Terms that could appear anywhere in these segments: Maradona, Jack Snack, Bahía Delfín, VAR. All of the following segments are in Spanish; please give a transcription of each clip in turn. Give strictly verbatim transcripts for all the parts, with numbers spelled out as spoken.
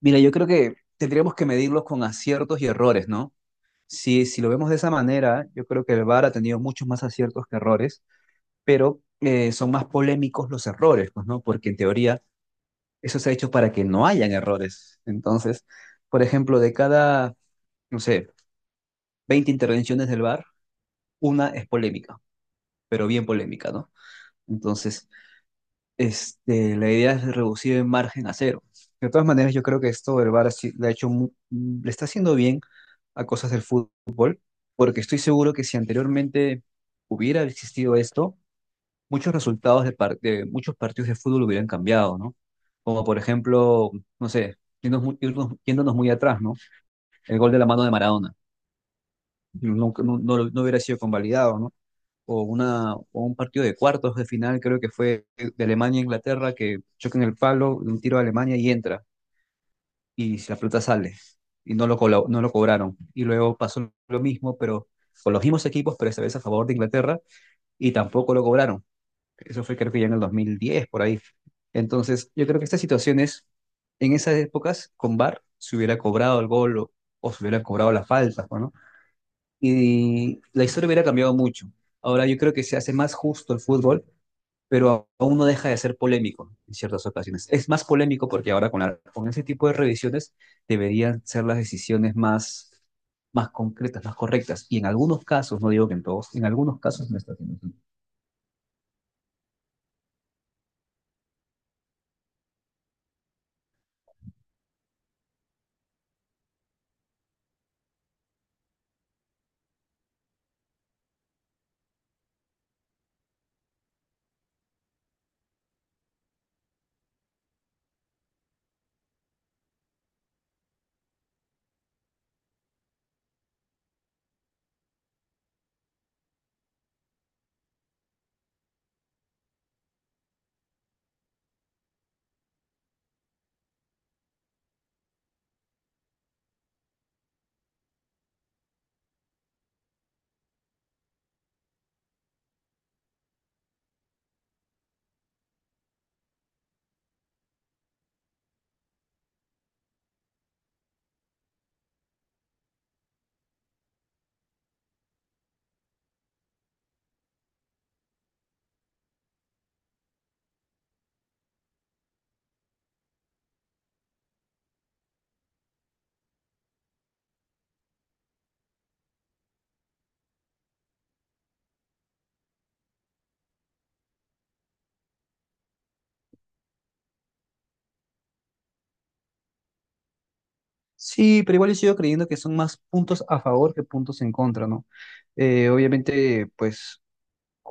Mira, yo creo que tendríamos que medirlos con aciertos y errores, ¿no? Si, si lo vemos de esa manera, yo creo que el V A R ha tenido muchos más aciertos que errores, pero eh, son más polémicos los errores, pues, ¿no? Porque en teoría eso se ha hecho para que no hayan errores. Entonces, por ejemplo, de cada, no sé, veinte intervenciones del V A R, una es polémica, pero bien polémica, ¿no? Entonces, este, la idea es reducir el margen a cero. De todas maneras, yo creo que esto el V A R sí le ha hecho, mu- le está haciendo bien a cosas del fútbol porque estoy seguro que si anteriormente hubiera existido esto, muchos resultados de, par- de muchos partidos de fútbol hubieran cambiado, ¿no? Como por ejemplo, no sé, yéndonos, mu- irnos- yéndonos muy atrás, ¿no? El gol de la mano de Maradona, nunca- no, no, no hubiera sido convalidado, ¿no? O, una, o un partido de cuartos de final, creo que fue de Alemania e Inglaterra, que chocan el palo, un tiro a Alemania y entra, y la pelota sale, y no lo, colo- no lo cobraron. Y luego pasó lo mismo, pero con los mismos equipos, pero esta vez a favor de Inglaterra y tampoco lo cobraron. Eso fue creo que ya en el dos mil diez por ahí. Entonces, yo creo que estas situaciones, en esas épocas, con V A R, se hubiera cobrado el gol o, o se hubiera cobrado la falta, ¿no? Y la historia hubiera cambiado mucho. Ahora yo creo que se hace más justo el fútbol, pero aún no deja de ser polémico en ciertas ocasiones. Es más polémico porque ahora con, la- con ese tipo de revisiones deberían ser las decisiones más, más concretas, más correctas. Y en algunos casos, no digo que en todos, en algunos casos no está haciendo. Sí, pero igual yo sigo creyendo que son más puntos a favor que puntos en contra, ¿no? Eh, obviamente, pues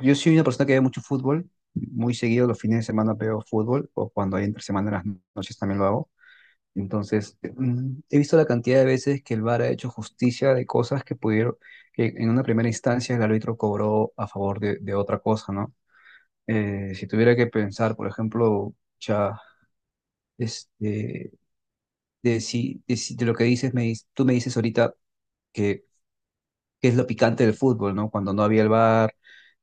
yo soy una persona que ve mucho fútbol, muy seguido los fines de semana veo fútbol, o cuando hay entre semana en las noches también lo hago. Entonces, mm, he visto la cantidad de veces que el V A R ha hecho justicia de cosas que pudieron, que en una primera instancia el árbitro cobró a favor de, de otra cosa, ¿no? Eh, si tuviera que pensar, por ejemplo, ya, este, de, si, de, si- de lo que dices, me, dis- tú me dices ahorita que que es lo picante del fútbol, ¿no? Cuando no había el V A R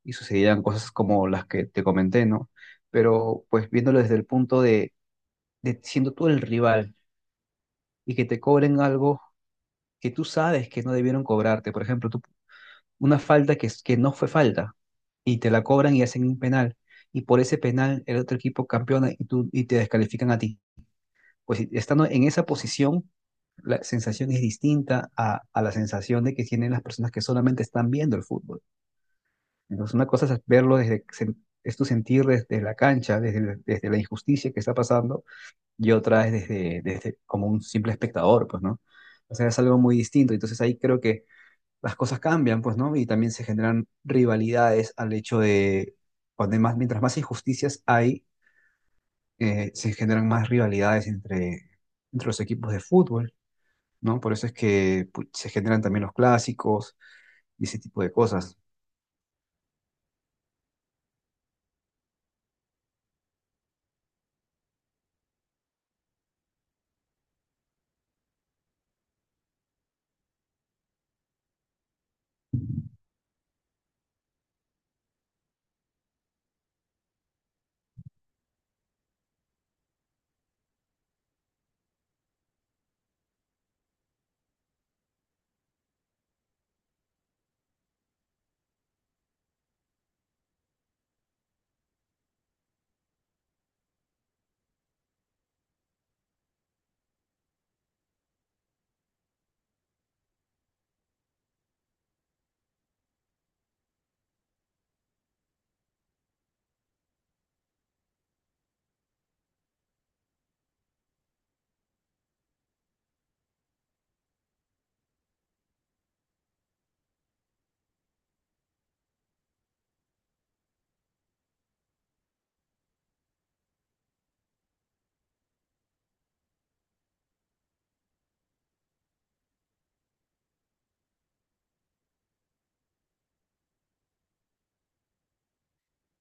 y sucedían cosas como las que te comenté, ¿no? Pero pues viéndolo desde el punto de, de siendo tú el rival y que te cobren algo que tú sabes que no debieron cobrarte, por ejemplo, tú- una falta que, es- que no fue falta y te la cobran y hacen un penal y por ese penal el otro equipo campeona y, tú, y te descalifican a ti. Pues si- estando en esa posición, la sensación es distinta a, a la sensación de que tienen las personas que solamente están viendo el fútbol. Entonces, una cosa es verlo desde, sen- es tu sentir desde la cancha, desde, el- desde la injusticia que está pasando, y otra es desde, desde como un simple espectador, pues, ¿no? O sea, es algo muy distinto. Entonces ahí creo que las cosas cambian, pues, ¿no? Y también se generan rivalidades al hecho de, cuando hay más, mientras más injusticias hay, eh, se generan más rivalidades entre, entre los equipos de fútbol, ¿no? Por eso es que pu, se generan también los clásicos y ese tipo de cosas.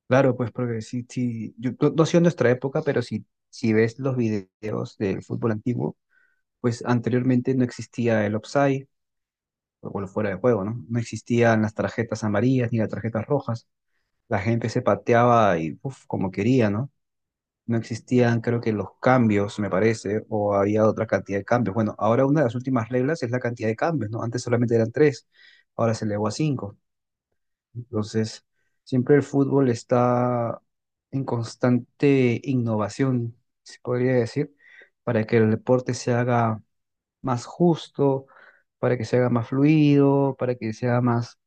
Claro, pues porque sí, sí, yo no, no sé en nuestra época, pero si, si ves los videos del fútbol antiguo, pues anteriormente no existía el offside, o bueno, fuera de juego, ¿no? No existían las tarjetas amarillas ni las tarjetas rojas. La gente se pateaba y uf, como quería, ¿no? No existían, creo que los cambios, me parece, o había otra cantidad de cambios. Bueno, ahora una de las últimas reglas es la cantidad de cambios, ¿no? Antes solamente eran tres, ahora se elevó a cinco. Entonces, siempre el fútbol está en constante innovación, se podría decir, para que el deporte se haga más justo, para que se haga más fluido, para que sea más...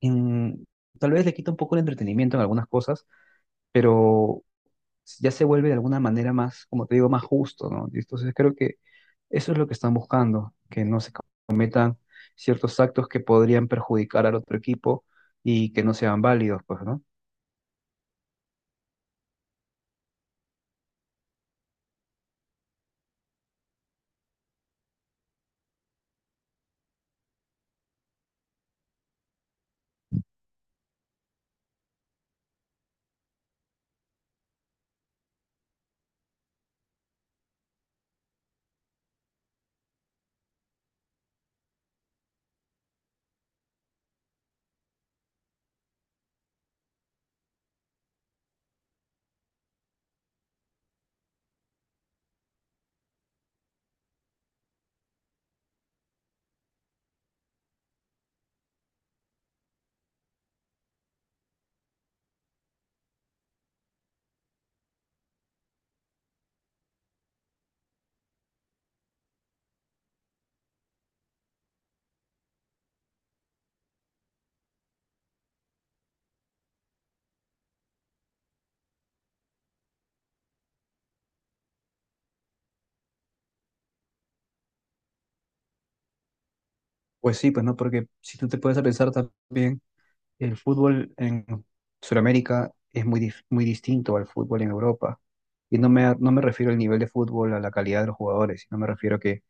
en- Tal vez le quita un poco el entretenimiento en algunas cosas, pero ya se vuelve de alguna manera más, como te digo, más justo, ¿no? Y entonces creo que eso es lo que están buscando, que no se cometan ciertos actos que podrían perjudicar al otro equipo y que no sean válidos, pues, ¿no? Pues sí, pues no, porque si tú te puedes a pensar también, el fútbol en Sudamérica es muy, dif- muy distinto al fútbol en Europa. Y no me, no me refiero al nivel de fútbol, a la calidad de los jugadores, sino me refiero que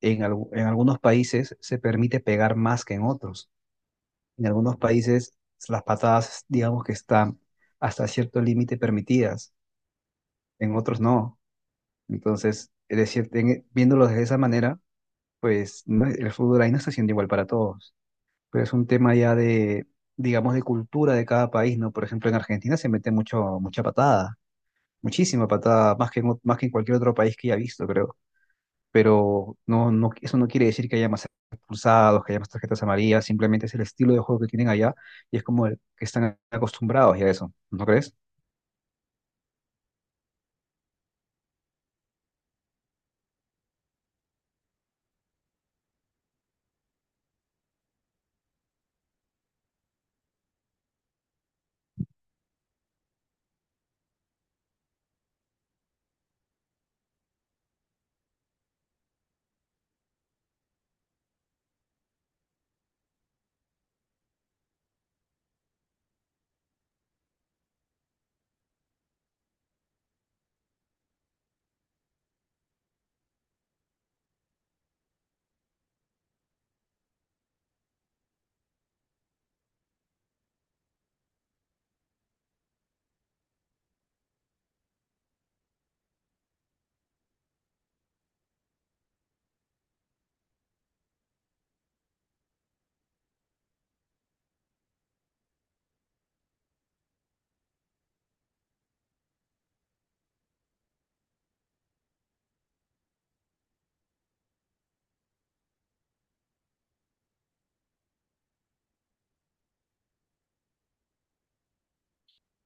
en, algu- en algunos países se permite pegar más que en otros. En algunos países las patadas, digamos que están hasta cierto límite permitidas, en otros no. Entonces, es decir, ten- viéndolo de esa manera, pues no- el fútbol ahí no está siendo igual para todos. Pero es un tema ya de, digamos, de cultura de cada país, ¿no? Por ejemplo, en Argentina se mete mucho, mucha patada, muchísima patada, más que en, ot- más que en cualquier otro país que haya visto, creo. Pero no, no, eso no quiere decir que haya más expulsados, que haya más tarjetas amarillas, simplemente es el estilo de juego que tienen allá y es como el que están acostumbrados ya a eso, ¿no crees?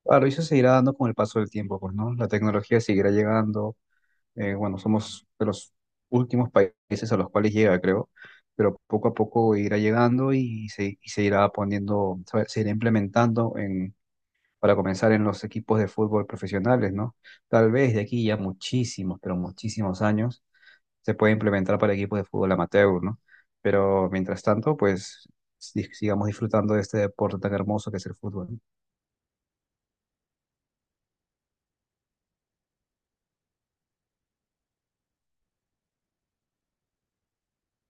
Claro, y eso se irá dando con el paso del tiempo, pues, ¿no? La tecnología seguirá llegando. Eh, bueno, somos de los últimos países a los cuales llega, creo, pero poco a poco irá llegando y se, y se irá poniendo, se se irá implementando en, para comenzar en los equipos de fútbol profesionales, ¿no? Tal vez de aquí ya muchísimos, pero muchísimos años se puede implementar para equipos de fútbol amateur, ¿no? Pero mientras tanto, pues sig- sigamos disfrutando de este deporte tan hermoso que es el fútbol.